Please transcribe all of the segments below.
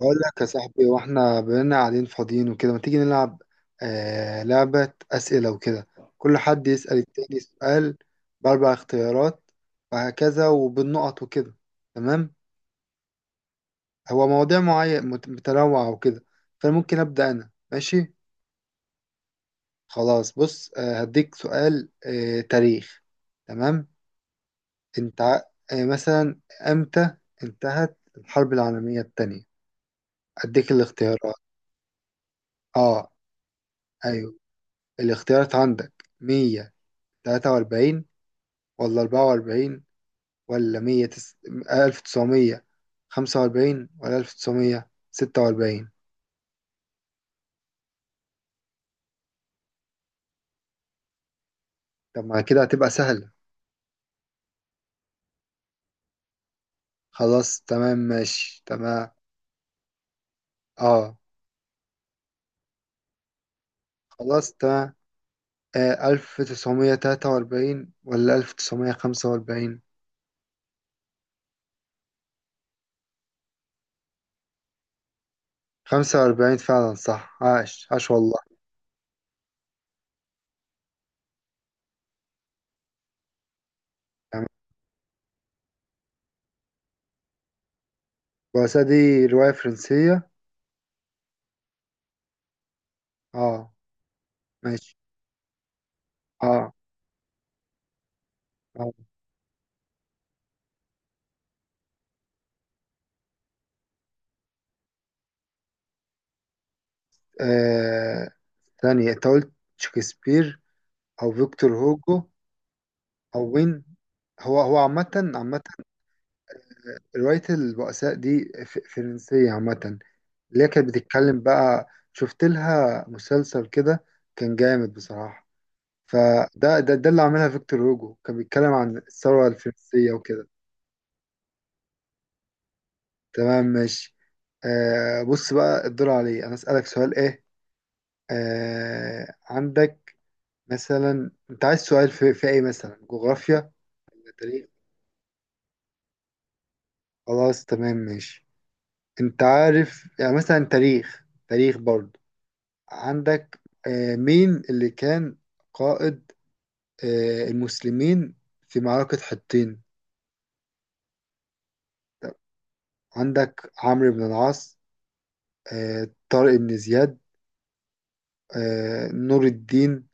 أقول لك يا صاحبي، وإحنا بقينا قاعدين فاضيين وكده، ما تيجي نلعب لعبة أسئلة وكده. كل حد يسأل التاني سؤال بأربع اختيارات، وهكذا وبالنقط وكده. تمام. هو مواضيع معينة متنوعة وكده، فممكن أبدأ أنا. ماشي، خلاص. بص هديك سؤال، تاريخ. تمام. أنت ع- مثلا، إمتى انتهت الحرب العالمية التانية؟ أديك الاختيارات. آه أيوه، الاختيارات عندك: مية تلاتة وأربعين، ولا أربعة وأربعين، ولا مية تس... ألف تسعمية خمسة وأربعين، ولا ألف تسعمية ستة وأربعين. طب ما كده هتبقى سهلة. خلاص، تمام ماشي. تمام. اه. خلاص تمام. ألف تسعمية تلاتة وأربعين ولا ألف تسعمية خمسة وأربعين؟ خمسة وأربعين، فعلا صح. عاش عاش والله. تمام. الرؤساء دي رواية فرنسية. اه. ماشي. اه. اه. آه، ثانية، انت قلت شكسبير أو فيكتور هوجو او وين؟ هو عامة عامة. رواية البؤساء دي فرنسية عامة، اللي هي كانت بتتكلم. بقى شفت لها مسلسل كده، كان جامد بصراحة. فده ده اللي عملها فيكتور هوجو، كان بيتكلم عن الثورة الفرنسية وكده. تمام ماشي. آه بص بقى، الدور عليه أنا أسألك سؤال إيه. عندك مثلا، أنت عايز سؤال في إيه؟ مثلا جغرافيا ولا تاريخ. خلاص تمام ماشي. انت عارف، يعني مثلا تاريخ، تاريخ برضه. عندك آه، مين اللي كان قائد آه، المسلمين في معركة حطين؟ عندك: عمرو بن العاص، آه، طارق بن زياد، آه، نور الدين،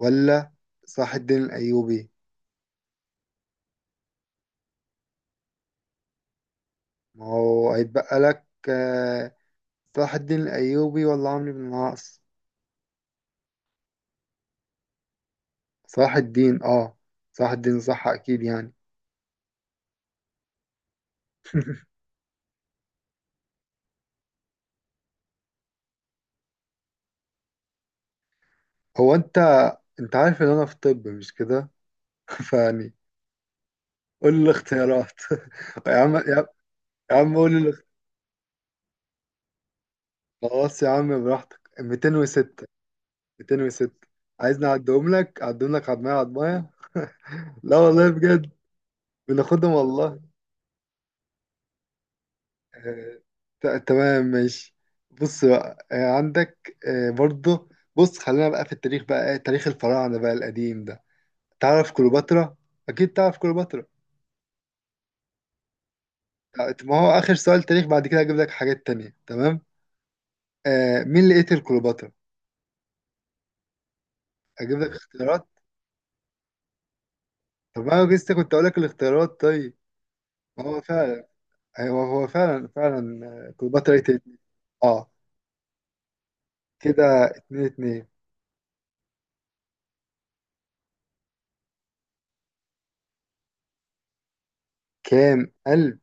ولا صلاح الدين الأيوبي. ما هو هيتبقى لك آه، صلاح الدين الأيوبي ولا عمرو بن العاص. صلاح الدين، اه. صلاح الدين صح، أكيد يعني. هو انت، انت عارف ان انا في طب، مش كده؟ فيعني قول لي الاختيارات يا عم. يا عم قول لي الاخت- خلاص يا عم، براحتك: 206. 206. عايزني اعدهم لك؟ اعدهم لك عدمية عدمية. لا والله بجد، بناخدهم والله. آه، تمام ماشي. بص بقى آه، عندك آه، برضه. بص خلينا بقى في التاريخ بقى، آه، تاريخ الفراعنة بقى، القديم ده. تعرف كليوباترا؟ أكيد تعرف كليوباترا. ما هو آخر سؤال تاريخ، بعد كده هجيب لك حاجات تانية. تمام. آه، مين اللي قتل كليوباترا؟ أجيب لك اختيارات. طب انا لسه كنت اقول لك الاختيارات، طيب. هو فعلا، هو فعلا فعلا آه، كليوباترا ايه تاني. اه. كده اتنين اتنين. كام قلب؟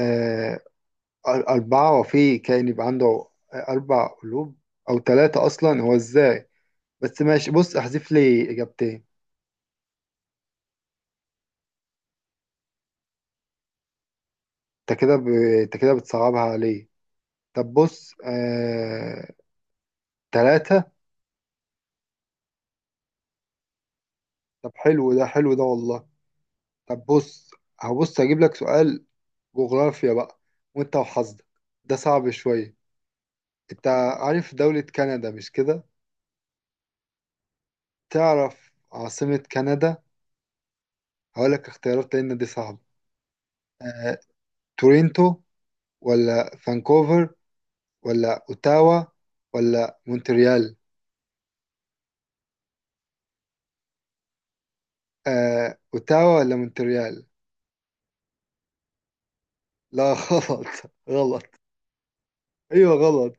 آه، أربعة. وفي كائن يبقى عنده آه، أربع قلوب أو ثلاثة أصلا؟ هو إزاي؟ بس ماشي. بص احذف لي إجابتين. أنت كده ب... أنت كده بتصعبها عليه. طب بص ثلاثة. طب حلو ده، حلو ده والله. طب بص، هبص أجيب لك سؤال جغرافيا بقى، وانت وحظك. ده صعب شوية. انت عارف دولة كندا، مش كده؟ تعرف عاصمة كندا؟ هقولك اختيارات لان دي صعبة. آه، تورينتو، ولا فانكوفر، ولا اوتاوا، ولا مونتريال. آه، اوتاوا ولا مونتريال. لا غلط. غلط. ايوه غلط.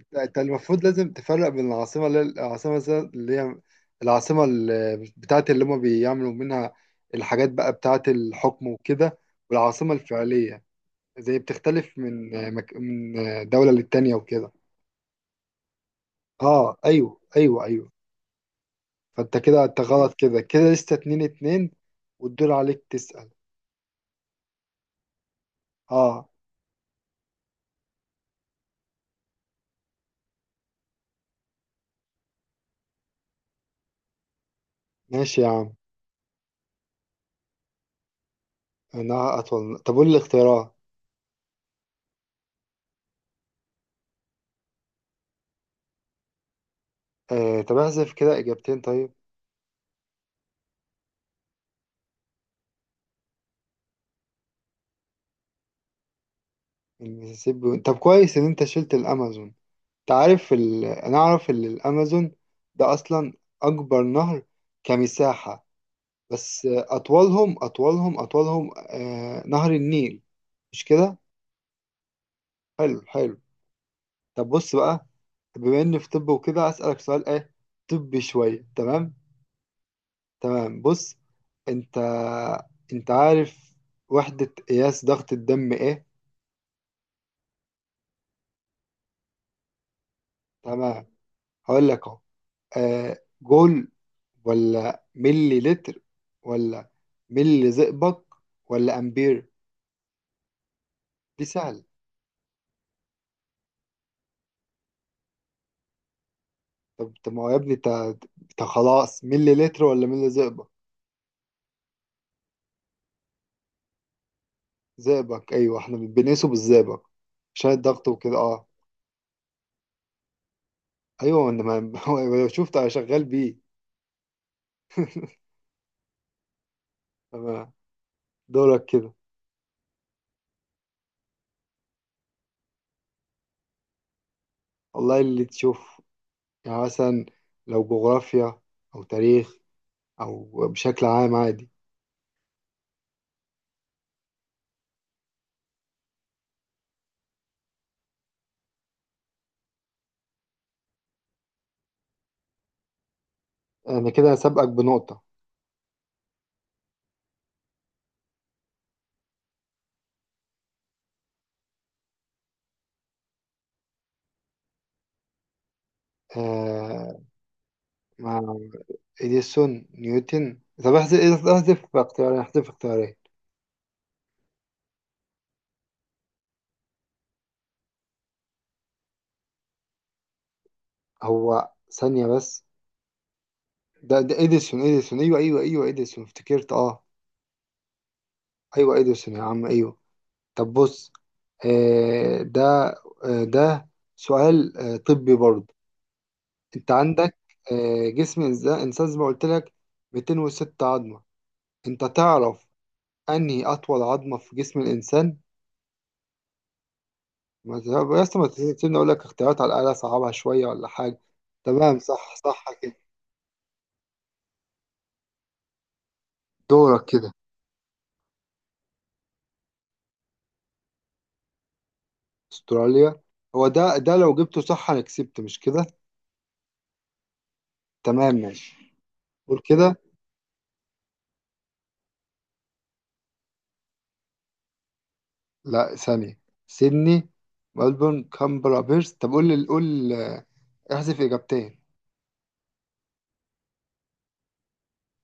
انت، انت المفروض لازم تفرق بين العاصمة، اللي هي العاصمة مثلا اللي هي العاصمة اللي بتاعت، اللي هما بيعملوا منها الحاجات بقى بتاعت الحكم وكده، والعاصمة الفعلية. زي بتختلف من دولة للتانية وكده. اه، ايوه. فانت كده انت غلط. كده كده لسه اتنين اتنين. والدور عليك تسأل. اه ماشي يا عم. انا اطول، طب قول لي الاختيارات. آه طب احذف كده اجابتين طيب. طب كويس ان انت شلت الامازون. انا اعرف ان الامازون ده اصلا اكبر نهر كمساحة. بس اطولهم، اطولهم آه نهر النيل، مش كده؟ حلو حلو. طب بص بقى، بما اني في طب وكده، اسالك سؤال ايه؟ طبي شوية، تمام؟ تمام بص، انت انت عارف وحدة قياس ضغط الدم ايه؟ تمام هقول لك اهو. آه جول، ولا ملي لتر، ولا ملي زئبق، ولا امبير. دي سهل. طب ما هو يا ابني، انت خلاص ملي لتر ولا ملي زئبق؟ زئبق، ايوه احنا بنقيسه بالزئبق، عشان الضغط وكده. اه ايوه. انا ما شفت. انا شغال بيه. تمام. دورك كده. والله اللي تشوف. يعني مثلا لو جغرافيا، او تاريخ، او بشكل عام عادي. انا كده سابقك بنقطة. آه إديسون نيوتن، طب احذف احذف اختيارين. هو ثانية بس. ده ده إديسون أيوه إديسون، افتكرت. أه أيوه، إديسون يا عم، أيوه. طب بص آه ده ده سؤال آه طبي برضه. أنت عندك آه جسم الإنسان، إنسان زي ما قلت لك 206 عظمة. أنت تعرف أنهي أطول عظمة في جسم الإنسان؟ ما ت- يا اسطى، ما تسيبني أقول لك اختيارات على الأقل، أصعبها شوية ولا حاجة. تمام، صح كده. دورك كده. استراليا. هو ده، ده لو جبته صح انا كسبت، مش كده؟ تمام ماشي. قول كده. لا ثانية، سيدني ملبورن كامبرا بيرث. طب قول لي، قول آه، احذف اجابتين.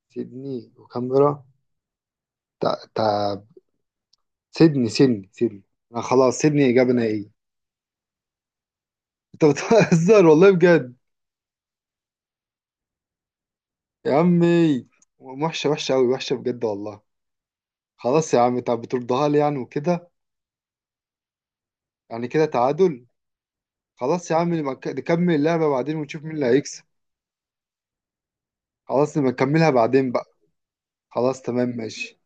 سيدني وكامبرا. تا تا سيدني. انا خلاص سيدني، اجابة نهائية. انت بتهزر والله بجد. يا عمي، وحشة قوي، وحشة بجد والله. خلاص يا عم، طب بتردها لي يعني وكده. يعني كده تعادل. خلاص يا عم، نبقى نكمل اللعبة بعدين ونشوف مين اللي هيكسب. خلاص نبقى نكملها بعدين بقى. خلاص تمام ماشي.